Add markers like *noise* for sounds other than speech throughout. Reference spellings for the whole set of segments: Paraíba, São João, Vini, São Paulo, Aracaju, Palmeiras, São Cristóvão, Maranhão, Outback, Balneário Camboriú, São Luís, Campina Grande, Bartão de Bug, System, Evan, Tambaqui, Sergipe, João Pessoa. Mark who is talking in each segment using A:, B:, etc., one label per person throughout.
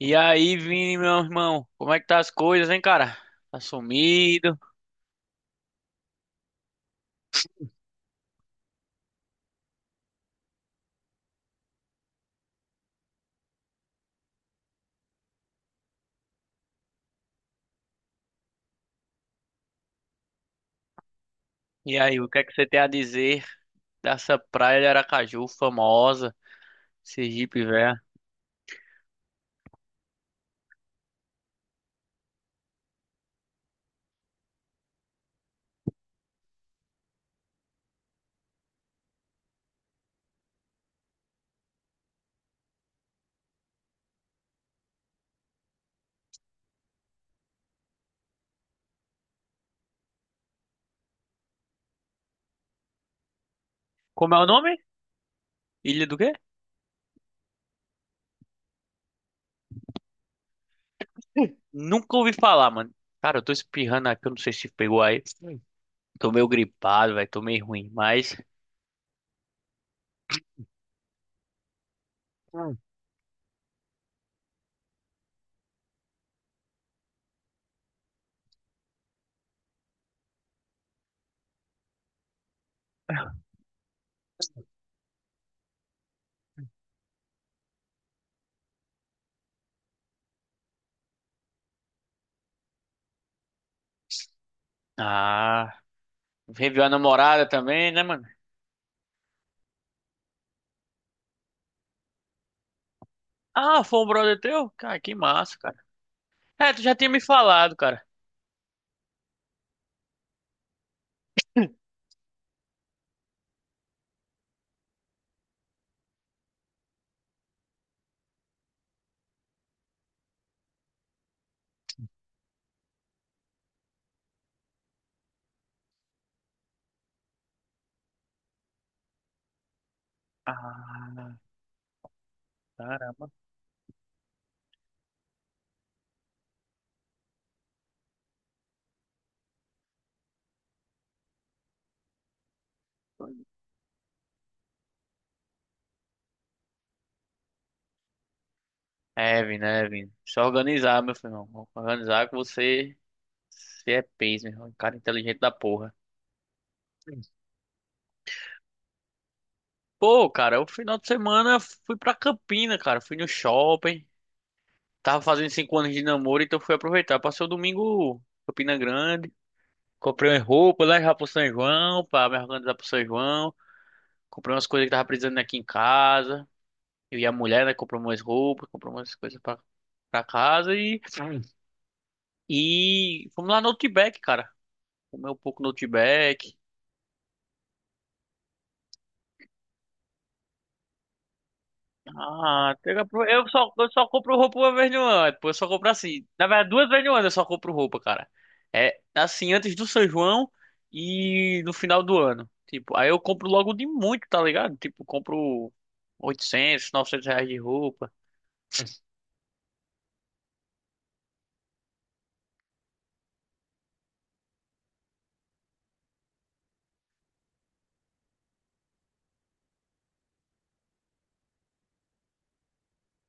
A: E aí, Vini, meu irmão, como é que tá as coisas, hein, cara? Tá sumido. E aí, o que é que você tem a dizer dessa praia de Aracaju, famosa, Sergipe, velho? Como é o nome? Ilha do quê? Nunca ouvi falar, mano. Cara, eu tô espirrando aqui, eu não sei se pegou aí. Hum. Tô meio gripado, velho, tô meio ruim, mas... Hum. Ah, reviu a namorada também, né, mano? Ah, foi um brother teu? Cara, que massa, cara. É, tu já tinha me falado, cara. Ah, tá. Evan, né, Evan? Só organizar, meu filho. Irmão. Organizar que você é peso, meu irmão. Um cara inteligente da porra. Pô, cara, o final de semana fui pra Campina, cara. Fui no shopping. Tava fazendo 5 anos de namoro, então fui aproveitar. Passei o domingo em Campina Grande. Comprei umas roupas lá já pro São João, pra me organizar pro São João. Comprei umas coisas que tava precisando aqui em casa. Eu e a mulher, né, comprou umas roupas, comprou umas coisas pra, casa e. E fomos lá no Outback, cara. Comer um pouco no Outback. Ah, eu só compro roupa uma vez no ano. Pô, eu só compro assim. Na verdade, duas vezes no ano eu só compro roupa, cara. É assim, antes do São João e no final do ano. Tipo, aí eu compro logo de muito, tá ligado? Tipo, compro R$ 800 R$ 900 de roupa.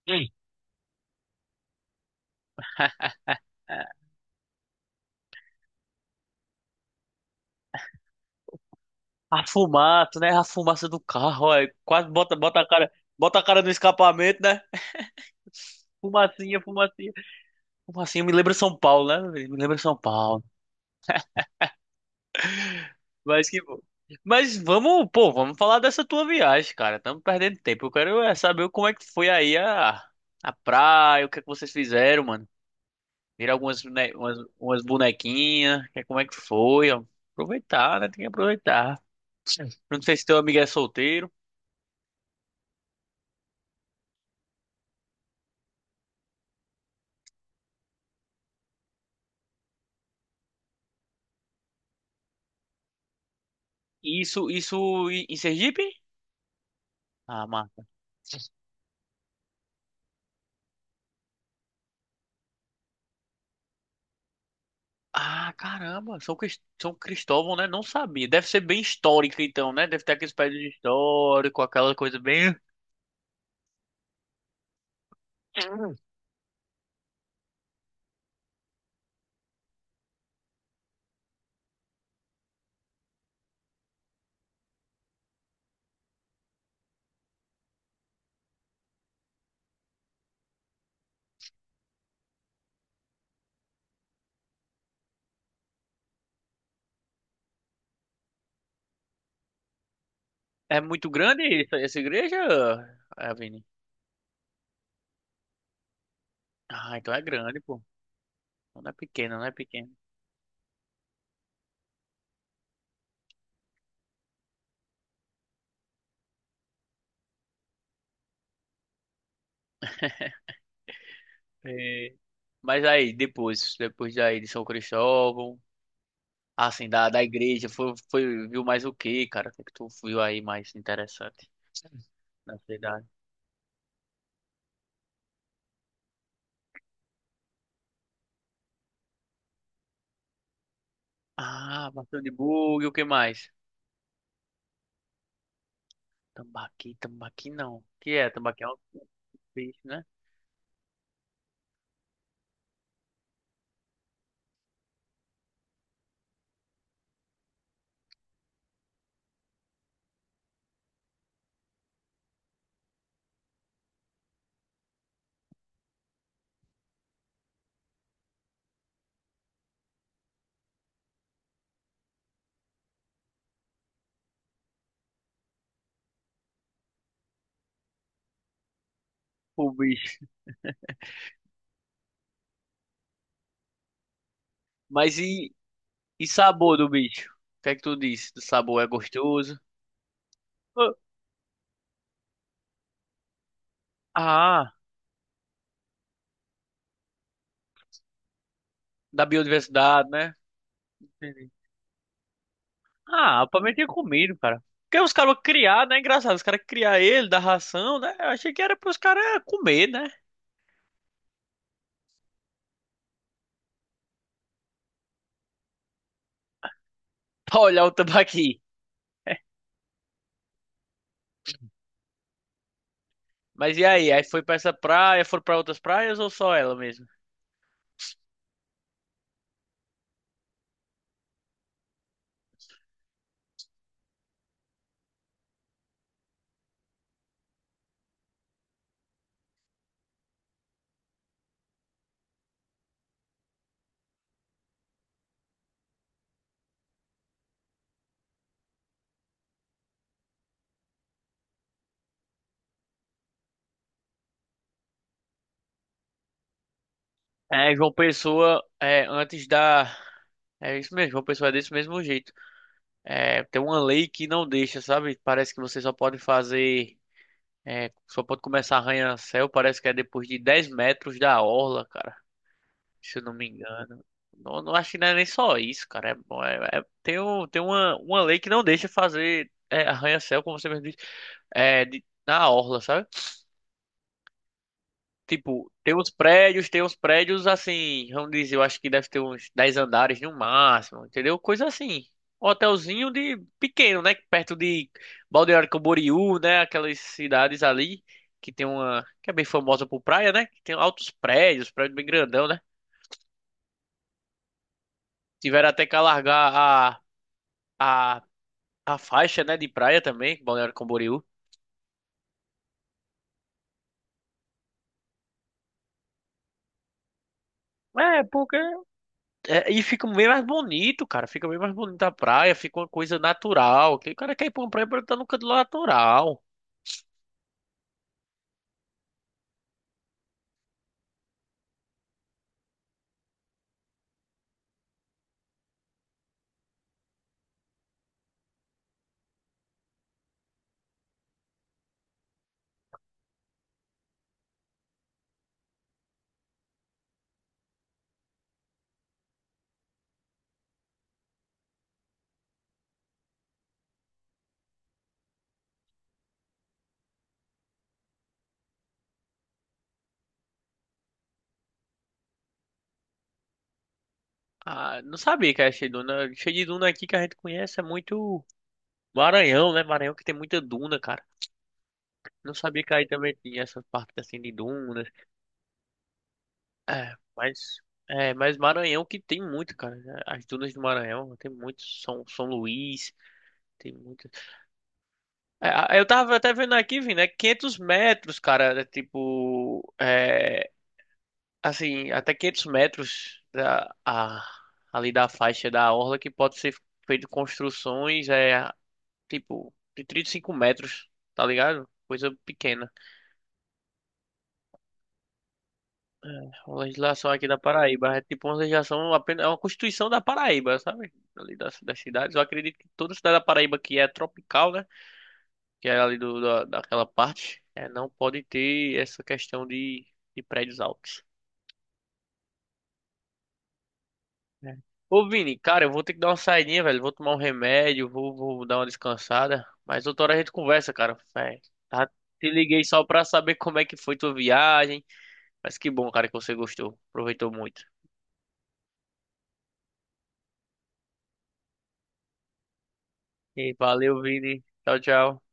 A: Hum. A fumaça, né? A fumaça do carro, ó, quase bota a cara, bota a cara no escapamento, né? Fumacinha, fumacinha. Fumacinha me lembra São Paulo, né? Me lembra São Paulo. Mas que bom. Mas vamos, pô, vamos falar dessa tua viagem, cara. Estamos perdendo tempo. Eu quero é saber como é que foi aí a praia, o que é que vocês fizeram, mano. Viram umas bonequinhas, como é que foi, ó. Aproveitar, né? Tem que aproveitar. Eu não sei se teu amigo é solteiro. Isso em Sergipe? Ah, massa. Ah, caramba, São Cristóvão, né? Não sabia. Deve ser bem histórica, então, né? Deve ter aqueles prédios históricos, aquela coisa bem. É muito grande essa igreja, é, Vini? Ah, então é grande, pô. Não é pequena, não é pequena. É, mas aí, depois daí de São Cristóvão, assim, da igreja, foi, viu mais o quê, cara? O que é que tu viu aí mais interessante na cidade? Ah, Bartão de Bug, o que mais? Tambaqui, tambaqui não. Que é? Tambaqui é um bicho, né? O bicho. Mas e sabor do bicho? O que é que tu disse? Do sabor é gostoso? Ah, da biodiversidade, né? Entendi. Ah, o Palmeiras tinha comido, cara. Porque os caras criar, né? Engraçado, os caras criar ele, dar ração, né? Eu achei que era pros caras comer, né? *laughs* Pra olhar o tambaqui. Mas e aí? Aí foi pra essa praia, foram pra outras praias ou só ela mesmo? É, João Pessoa, é, antes da. É isso mesmo, João Pessoa é desse mesmo jeito. É, tem uma lei que não deixa, sabe? Parece que você só pode fazer. É, só pode começar a arranha-céu, parece que é depois de 10 metros da orla, cara. Se eu não me engano. Não, não acho que não é nem só isso, cara. É, bom, tem uma lei que não deixa fazer é, arranha-céu, como você mesmo disse, é, na orla, sabe? Tipo, tem uns prédios assim, vamos dizer, eu acho que deve ter uns 10 andares no máximo, entendeu? Coisa assim. Um hotelzinho de pequeno, né? Perto de Balneário Camboriú, né? Aquelas cidades ali que tem uma, que é bem famosa por praia, né? Que tem altos prédios, prédio bem grandão, né? Tiveram até que alargar a. a A faixa, né, de praia também, Balneário Camboriú. É, porque, é, e fica bem mais bonito, cara. Fica bem mais bonita a praia, fica uma coisa natural. Que o cara quer ir pra uma praia pra estar no canto natural. Ah, não sabia que era cheio de duna. Cheio de duna aqui que a gente conhece é muito Maranhão, né? Maranhão que tem muita duna, cara. Não sabia que aí também tinha essas partes assim de dunas. É, mas. É, mas Maranhão que tem muito, cara. As dunas do Maranhão, tem muito. São Luís, tem muito. É, eu tava até vendo aqui, Vini, é 500 metros, cara. É tipo, é, assim, até 500 metros ali da faixa da orla que pode ser feito construções, é, tipo, de 35 metros, tá ligado? Coisa pequena. A legislação aqui da Paraíba é tipo uma legislação, apenas, é uma constituição da Paraíba, sabe? Ali das cidades. Eu acredito que toda cidade da Paraíba que é tropical, né? Que era ali do, da, daquela parte, é, não pode ter essa questão de, prédios altos. Né? Ô Vini, cara, eu vou ter que dar uma saidinha, velho. Vou tomar um remédio, vou dar uma descansada. Mas outra hora a gente conversa, cara. É, tá, te liguei só pra saber como é que foi tua viagem. Mas que bom, cara, que você gostou. Aproveitou muito. E valeu, Vini. Tchau, tchau.